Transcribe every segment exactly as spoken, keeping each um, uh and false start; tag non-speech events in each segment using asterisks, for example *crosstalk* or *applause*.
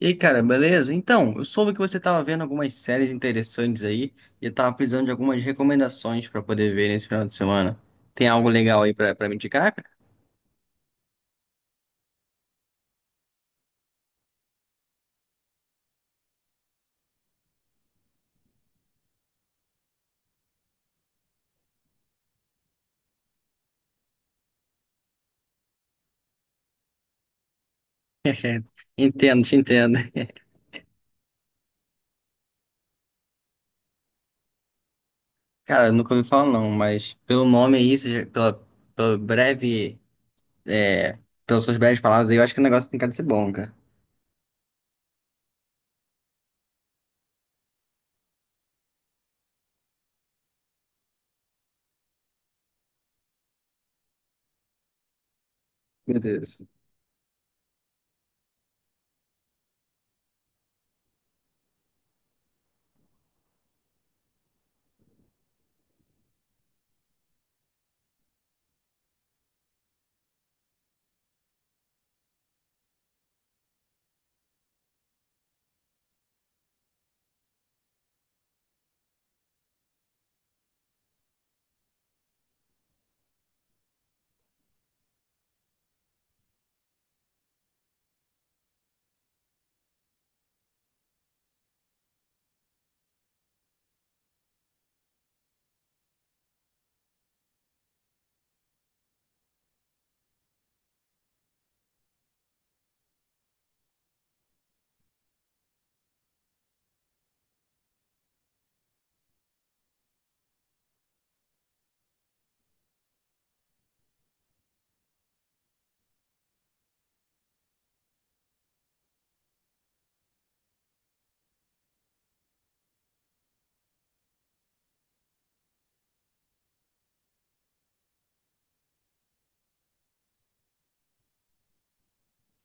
E aí, cara, beleza? Então, eu soube que você estava vendo algumas séries interessantes aí e eu tava precisando de algumas recomendações para poder ver nesse final de semana. Tem algo legal aí pra para me indicar, cara? *laughs* Entendo, te entendo. *laughs* Cara, eu nunca ouvi falar não, mas pelo nome aí, seja- pela, pela breve, é, pelas suas breves palavras aí, eu acho que o negócio tem cara de ser bom, cara. Meu Deus.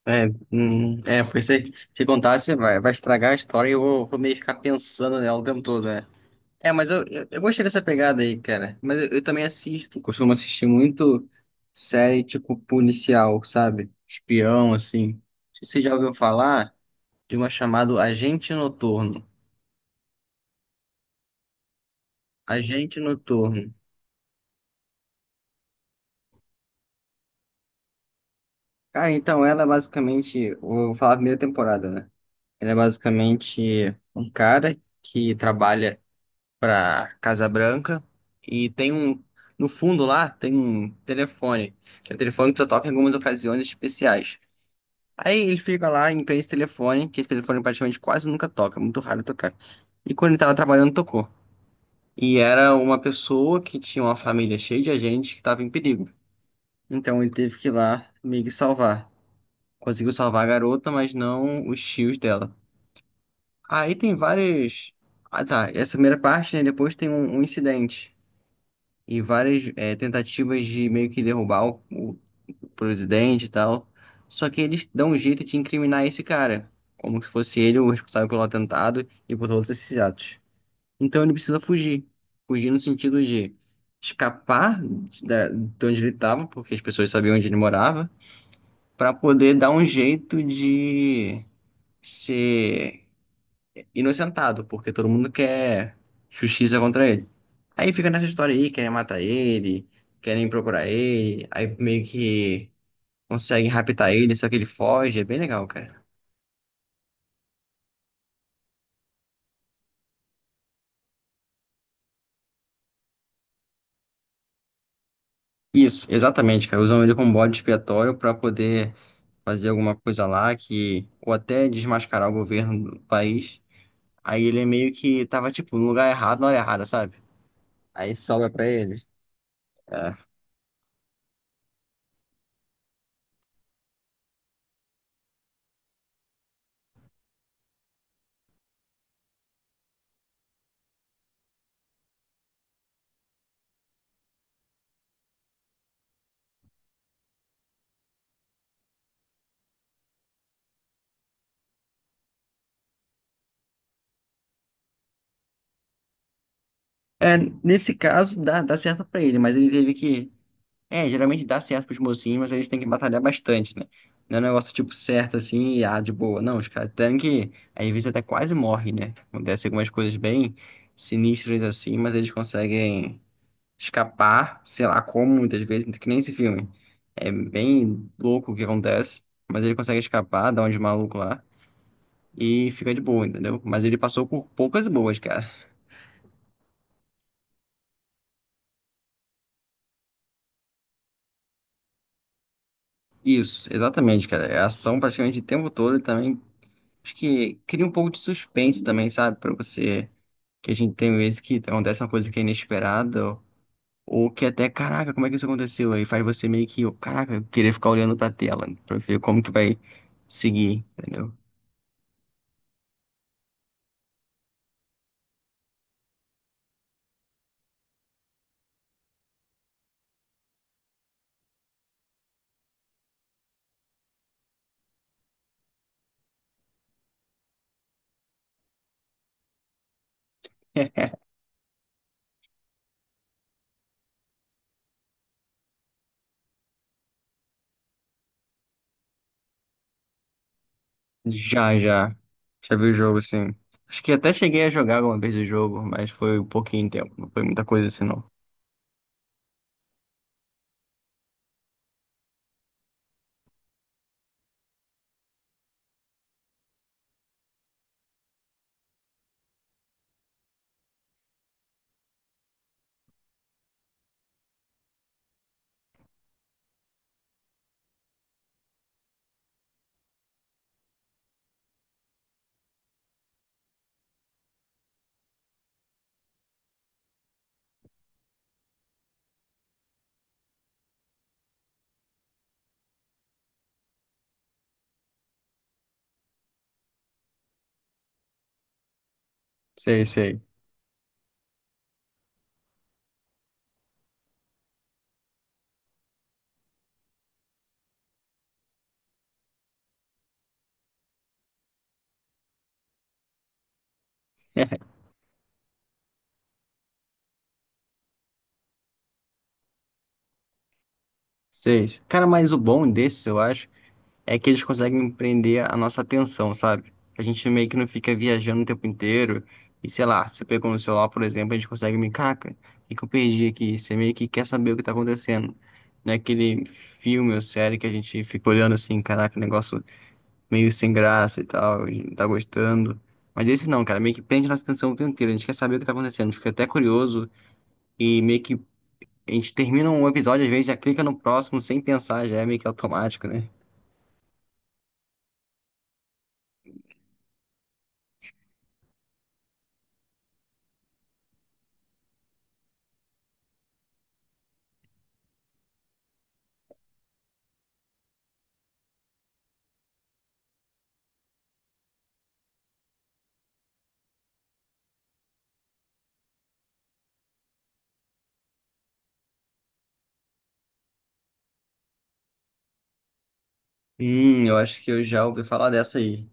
É, hum, é, Porque se, se contar, você vai, vai estragar a história e eu vou, vou meio que ficar pensando nela o tempo todo, né? É, mas eu, eu, eu gostei dessa pegada aí, cara. Mas eu, eu também assisto, costumo assistir muito série tipo policial, sabe? Espião, assim. Não sei se você já ouviu falar de uma chamada Agente Noturno? Agente Noturno. Ah, então ela é basicamente, vou falar a primeira temporada, né? Ela é basicamente um cara que trabalha pra Casa Branca e tem um, no fundo lá, tem um telefone, que é um telefone que só toca em algumas ocasiões especiais. Aí ele fica lá e prende esse telefone, que esse telefone praticamente quase nunca toca, muito raro tocar. E quando ele tava trabalhando, tocou. E era uma pessoa que tinha uma família cheia de gente que tava em perigo. Então ele teve que ir lá meio que salvar. Conseguiu salvar a garota, mas não os tios dela. Aí tem vários. Ah tá, essa primeira parte, né? Depois tem um, um incidente. E várias é, tentativas de meio que derrubar o, o- o presidente e tal. Só que eles dão um jeito de incriminar esse cara, como se fosse ele o responsável pelo atentado e por todos esses atos. Então ele precisa fugir. Fugir no sentido de escapar da- de onde ele estava, porque as pessoas sabiam onde ele morava, para poder dar um jeito de ser inocentado, porque todo mundo quer justiça contra ele. Aí fica nessa história aí, querem matar ele, querem procurar ele, aí meio que conseguem raptar ele, só que ele foge, é bem legal, cara. Isso, exatamente, cara. Usam ele como bode expiatório pra poder fazer alguma coisa lá que, ou até desmascarar o governo do país. Aí ele é meio que tava, tipo, no lugar errado, na hora errada, sabe? Aí sobra pra ele. É, é, nesse caso dá, dá certo pra ele, mas ele teve que é, geralmente dá certo pros mocinhos, mas eles têm que batalhar bastante, né? Não é um negócio tipo certo assim, e, ah, de boa. Não, os caras têm que. Às vezes até quase morre, né? Acontece algumas coisas bem sinistras assim, mas eles conseguem escapar, sei lá como, muitas vezes, que nem esse filme. É bem louco o que acontece, mas ele consegue escapar, dá um de maluco lá e fica de boa, entendeu? Mas ele passou por poucas boas, cara. Isso, exatamente, cara. É ação praticamente o tempo todo e também acho que cria um pouco de suspense também, sabe? Pra você. Que a gente tem vezes que acontece uma coisa que é inesperada, ou ou que até, caraca, como é que isso aconteceu? Aí faz você meio que, caraca, querer ficar olhando pra tela, né? Pra ver como que vai seguir, entendeu? *laughs* Já, já. Já vi o jogo, sim. Acho que até cheguei a jogar alguma vez o jogo, mas foi um pouquinho tempo. Não foi muita coisa assim, não. Sei, sei. *laughs* Sei. Cara, mas o bom desse, eu acho. É que eles conseguem prender a nossa atenção, sabe? A gente meio que não fica viajando o tempo inteiro. E sei lá, você pegou no celular, por exemplo, a gente consegue me caca, o que que eu perdi aqui? Você meio que quer saber o que tá acontecendo. Não é aquele filme ou série que a gente fica olhando assim, caraca, negócio meio sem graça e tal, a gente não tá gostando. Mas esse não, cara, meio que prende nossa atenção o tempo inteiro. A gente quer saber o que tá acontecendo, fica até curioso e meio que a gente termina um episódio, às vezes já clica no próximo sem pensar, já é meio que automático, né? Hum, eu acho que eu já ouvi falar dessa aí.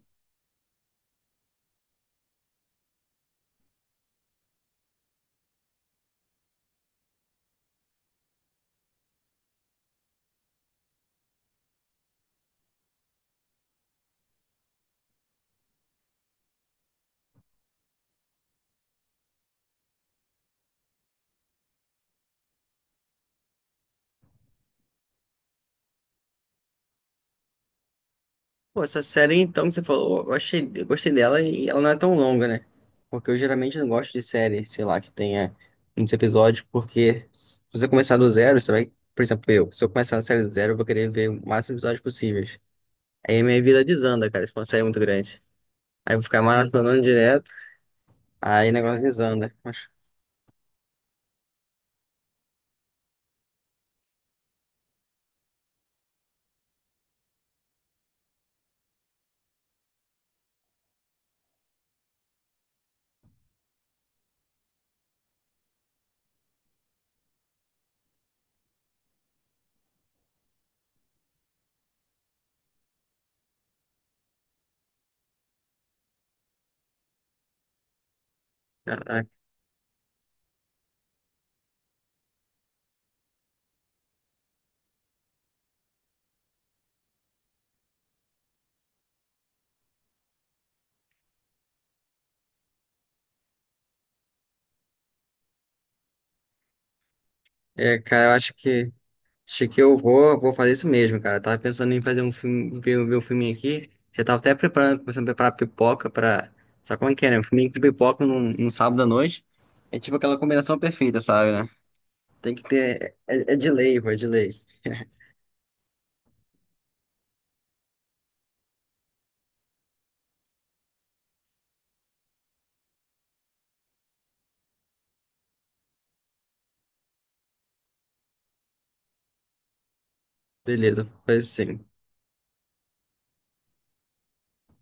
Pô, essa série então que você falou, eu achei, eu gostei dela e ela não é tão longa, né? Porque eu geralmente não gosto de série, sei lá, que tenha muitos episódios, porque se você começar do zero, você vai, por exemplo, eu, se eu começar na série do zero, eu vou querer ver o máximo de episódios possíveis. Aí minha vida desanda, cara, se for uma série muito grande. Aí eu vou ficar maratonando direto, aí o negócio desanda. Mas, caraca, é, cara, eu acho que acho que eu vou, vou fazer isso mesmo, cara. Eu tava pensando em fazer um filme, ver, ver um filminho aqui. Já tava até preparando, começando a preparar pipoca pra. Sabe como é que é, né? Um filminho com pipoca num, num sábado à noite. É tipo aquela combinação perfeita, sabe, né? Tem que ter. É, é de lei, pô, é de lei. Beleza, faz isso sim.